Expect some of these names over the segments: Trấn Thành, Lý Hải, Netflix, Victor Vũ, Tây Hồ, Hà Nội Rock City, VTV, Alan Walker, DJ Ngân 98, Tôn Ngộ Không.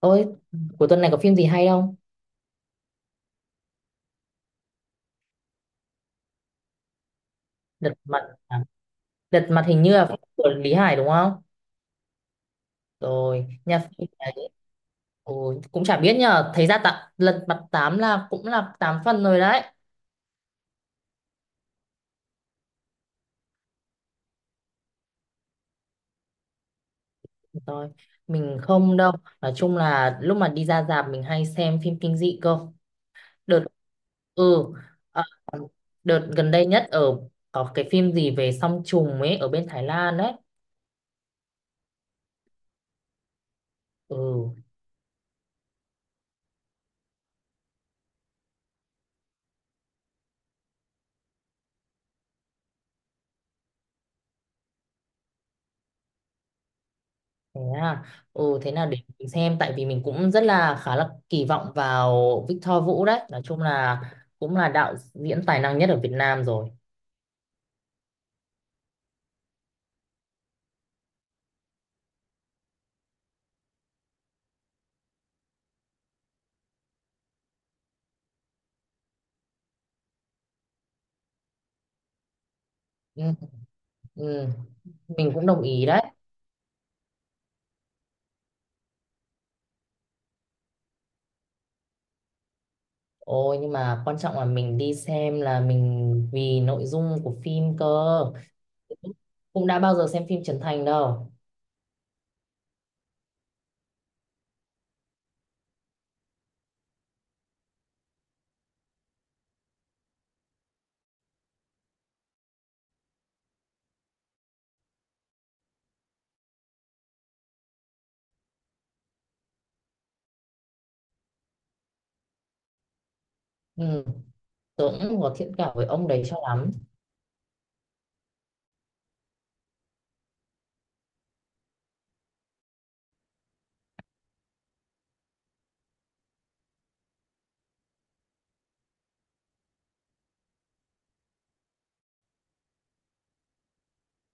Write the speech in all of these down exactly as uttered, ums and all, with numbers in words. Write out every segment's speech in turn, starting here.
Ôi, cuối tuần này có phim gì hay không? Lật mặt à? Lật mặt hình như là phim của Lý Hải đúng không? Rồi, nhà phim đấy. Ôi, cũng chả biết nhờ, thấy ra tạ, lật mặt tám là cũng là tám phần rồi đấy. Rồi, mình không đâu. Nói chung là lúc mà đi ra rạp mình hay xem phim kinh dị cơ. Đợt ừ ờ, đợt gần đây nhất ở có cái phim gì về song trùng ấy ở bên Thái Lan đấy. Ừ. Thế à? Ừ, thế nào để mình xem tại vì mình cũng rất là khá là kỳ vọng vào Victor Vũ đấy. Nói chung là cũng là đạo diễn tài năng nhất ở Việt Nam rồi. Ừ, ừ. Mình cũng đồng ý đấy. Ôi, nhưng mà quan trọng là mình đi xem là mình vì nội dung của phim cơ, cũng đã bao giờ xem phim Trấn Thành đâu. Ừ. Tớ cũng có thiện cảm với ông đấy cho lắm.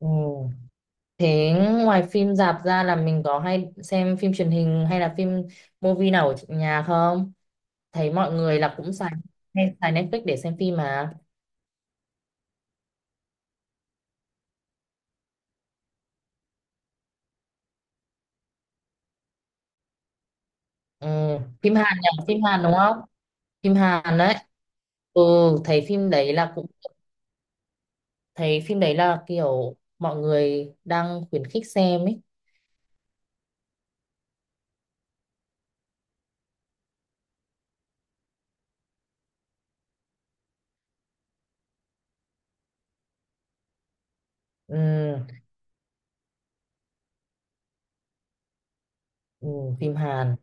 Ừ. Thế ngoài phim rạp ra là mình có hay xem phim truyền hình hay là phim movie nào ở nhà không? Thấy mọi người là cũng xài, hay xài Netflix để xem phim mà. Ừ. Phim Hàn nhỉ, phim Hàn đúng không, phim Hàn đấy. Ừ, thấy phim đấy là cũng thấy phim đấy là kiểu mọi người đang khuyến khích xem ấy. Ừ. Ừ. Phim Hàn.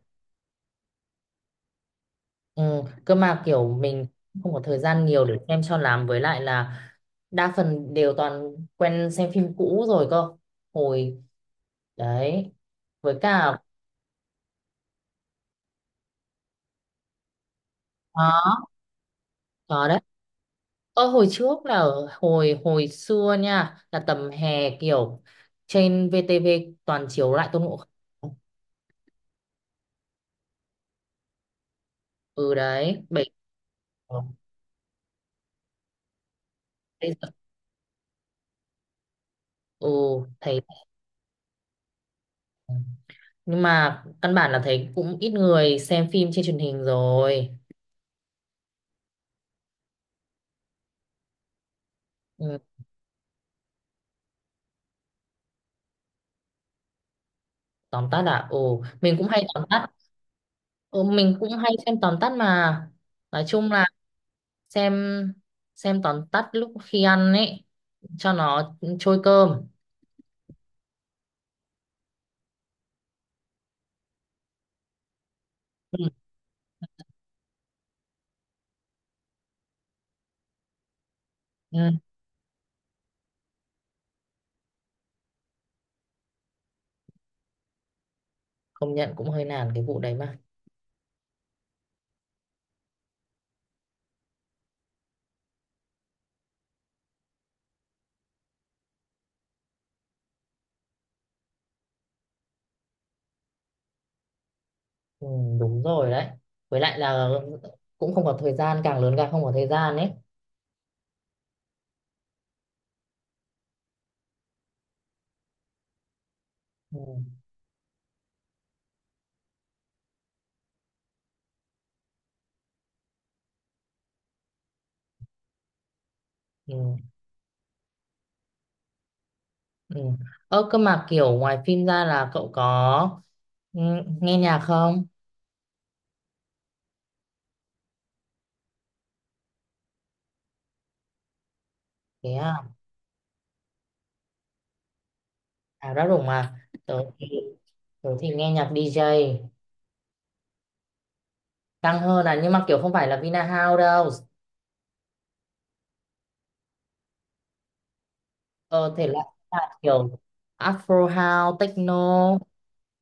Ừ, cơ mà kiểu mình không có thời gian nhiều để xem cho lắm, với lại là đa phần đều toàn quen xem phim cũ rồi cơ hồi đấy. Với cả có có đấy. Ờ, hồi trước là ở hồi hồi xưa nha, là tầm hè kiểu trên vê tê vê toàn chiếu lại Tôn Ngộ Không. Ừ đấy, bảy bây giờ. Ừ, thấy nhưng mà căn bản là thấy cũng ít người xem phim trên truyền hình rồi. Ừ, tóm tắt là ừ, mình cũng hay tóm tắt. Ừ, mình cũng hay xem tóm tắt mà. Nói chung là xem xem tóm tắt lúc khi ăn ấy, cho nó trôi cơm. Ừ. Ừ. Công nhận cũng hơi nản cái vụ đấy mà. Ừ, đúng rồi đấy. Với lại là cũng không có thời gian, càng lớn càng không có thời gian ấy. Ừ, ừ, ừ. Ơ cơ mà kiểu ngoài phim ra là cậu có, ừ, nghe nhạc không? Thế à, à ra rủng mà. Tớ thì, tớ thì nghe nhạc đi giây. Căng hơn là, nhưng mà kiểu không phải là Vina House đâu. Ờ, thể loại là kiểu Afro House Techno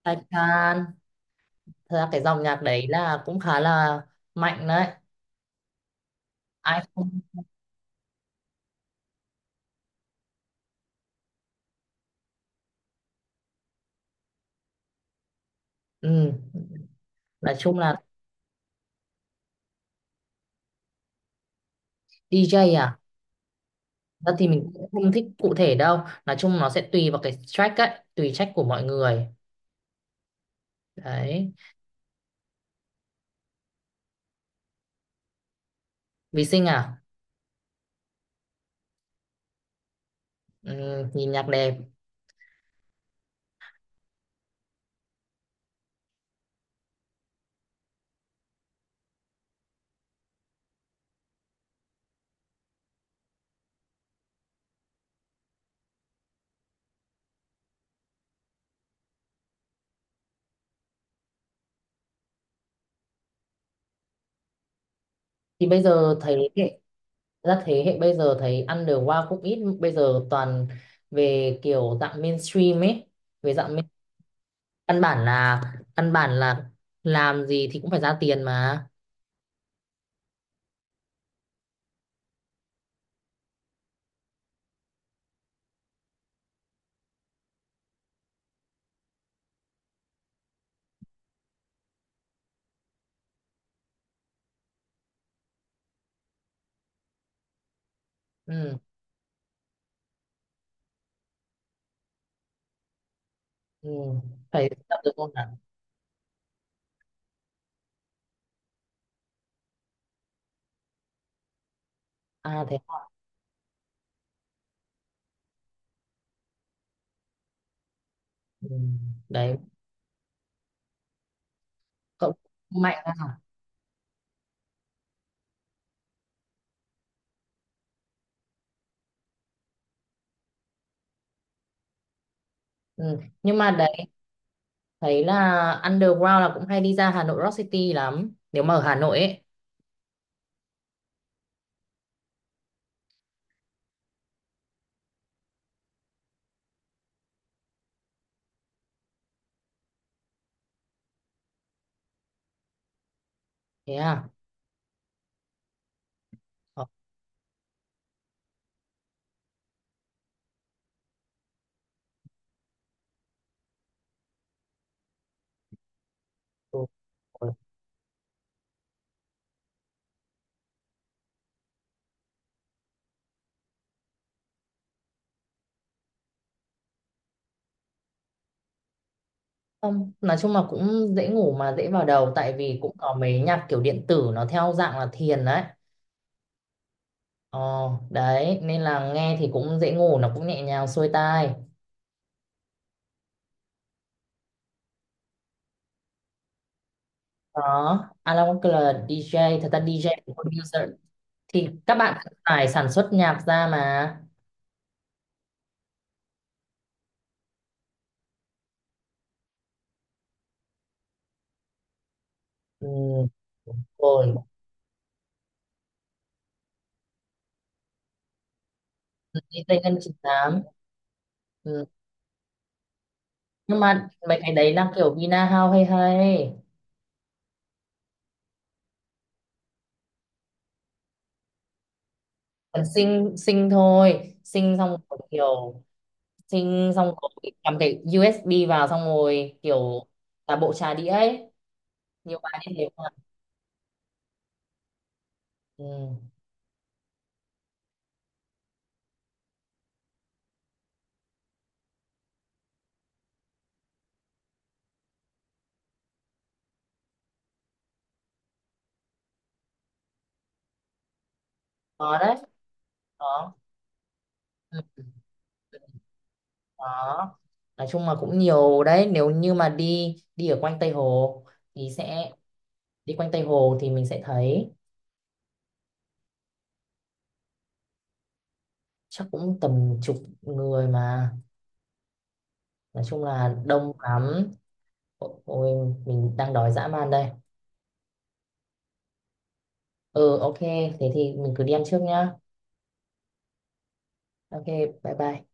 Taipan. Thật ra cái dòng nhạc đấy là cũng khá là mạnh đấy. Ai không, ừ. Nói chung là đi giây à, ra thì mình cũng không thích cụ thể đâu. Nói chung nó sẽ tùy vào cái track ấy, tùy track của mọi người đấy. Vì sinh à. Ừ, nhìn nhạc đẹp. Thì bây giờ thấy hệ, ra thế hệ bây giờ thấy underground cũng ít, bây giờ toàn về kiểu dạng mainstream ấy. Về dạng main... căn bản là căn bản là làm gì thì cũng phải ra tiền mà. Ừ, ừ. Phải tập được không nào. À thế à? Ừ. Đấy cậu mạnh. Ừ. Nhưng mà đấy, thấy là underground là cũng hay đi ra Hà Nội Rock City lắm nếu mà ở Hà Nội ấy. Thế à. Ờ, ừ. Không, nói chung là cũng dễ ngủ mà, dễ vào đầu, tại vì cũng có mấy nhạc kiểu điện tử nó theo dạng là thiền đấy. Ờ, đấy nên là nghe thì cũng dễ ngủ, nó cũng nhẹ nhàng xuôi tai. Đó Alan Walker là đi giây, thật ra đi giây cũng producer, thì các bạn cũng phải sản xuất nhạc ra mà. Ừ. Rồi đi giây Ngân chín tám. Nhưng mà mấy cái đấy là kiểu vina house hay hay còn xinh xinh thôi, xinh xong rồi kiểu, xinh xong rồi cầm cái u ét bê vào xong rồi kiểu là bộ trà đĩa ấy. Nhiều bạn như thế mà. Ừ. Có đấy. Có. Ừ. Ừ, có. Nói chung là cũng nhiều đấy, nếu như mà đi đi ở quanh Tây Hồ thì sẽ, đi quanh Tây Hồ thì mình sẽ thấy. Chắc cũng tầm chục người mà. Nói chung là đông lắm. Ôi, mình đang đói dã man đây. Ừ, ok, thế thì mình cứ đi ăn trước nhá. Ok, bye bye.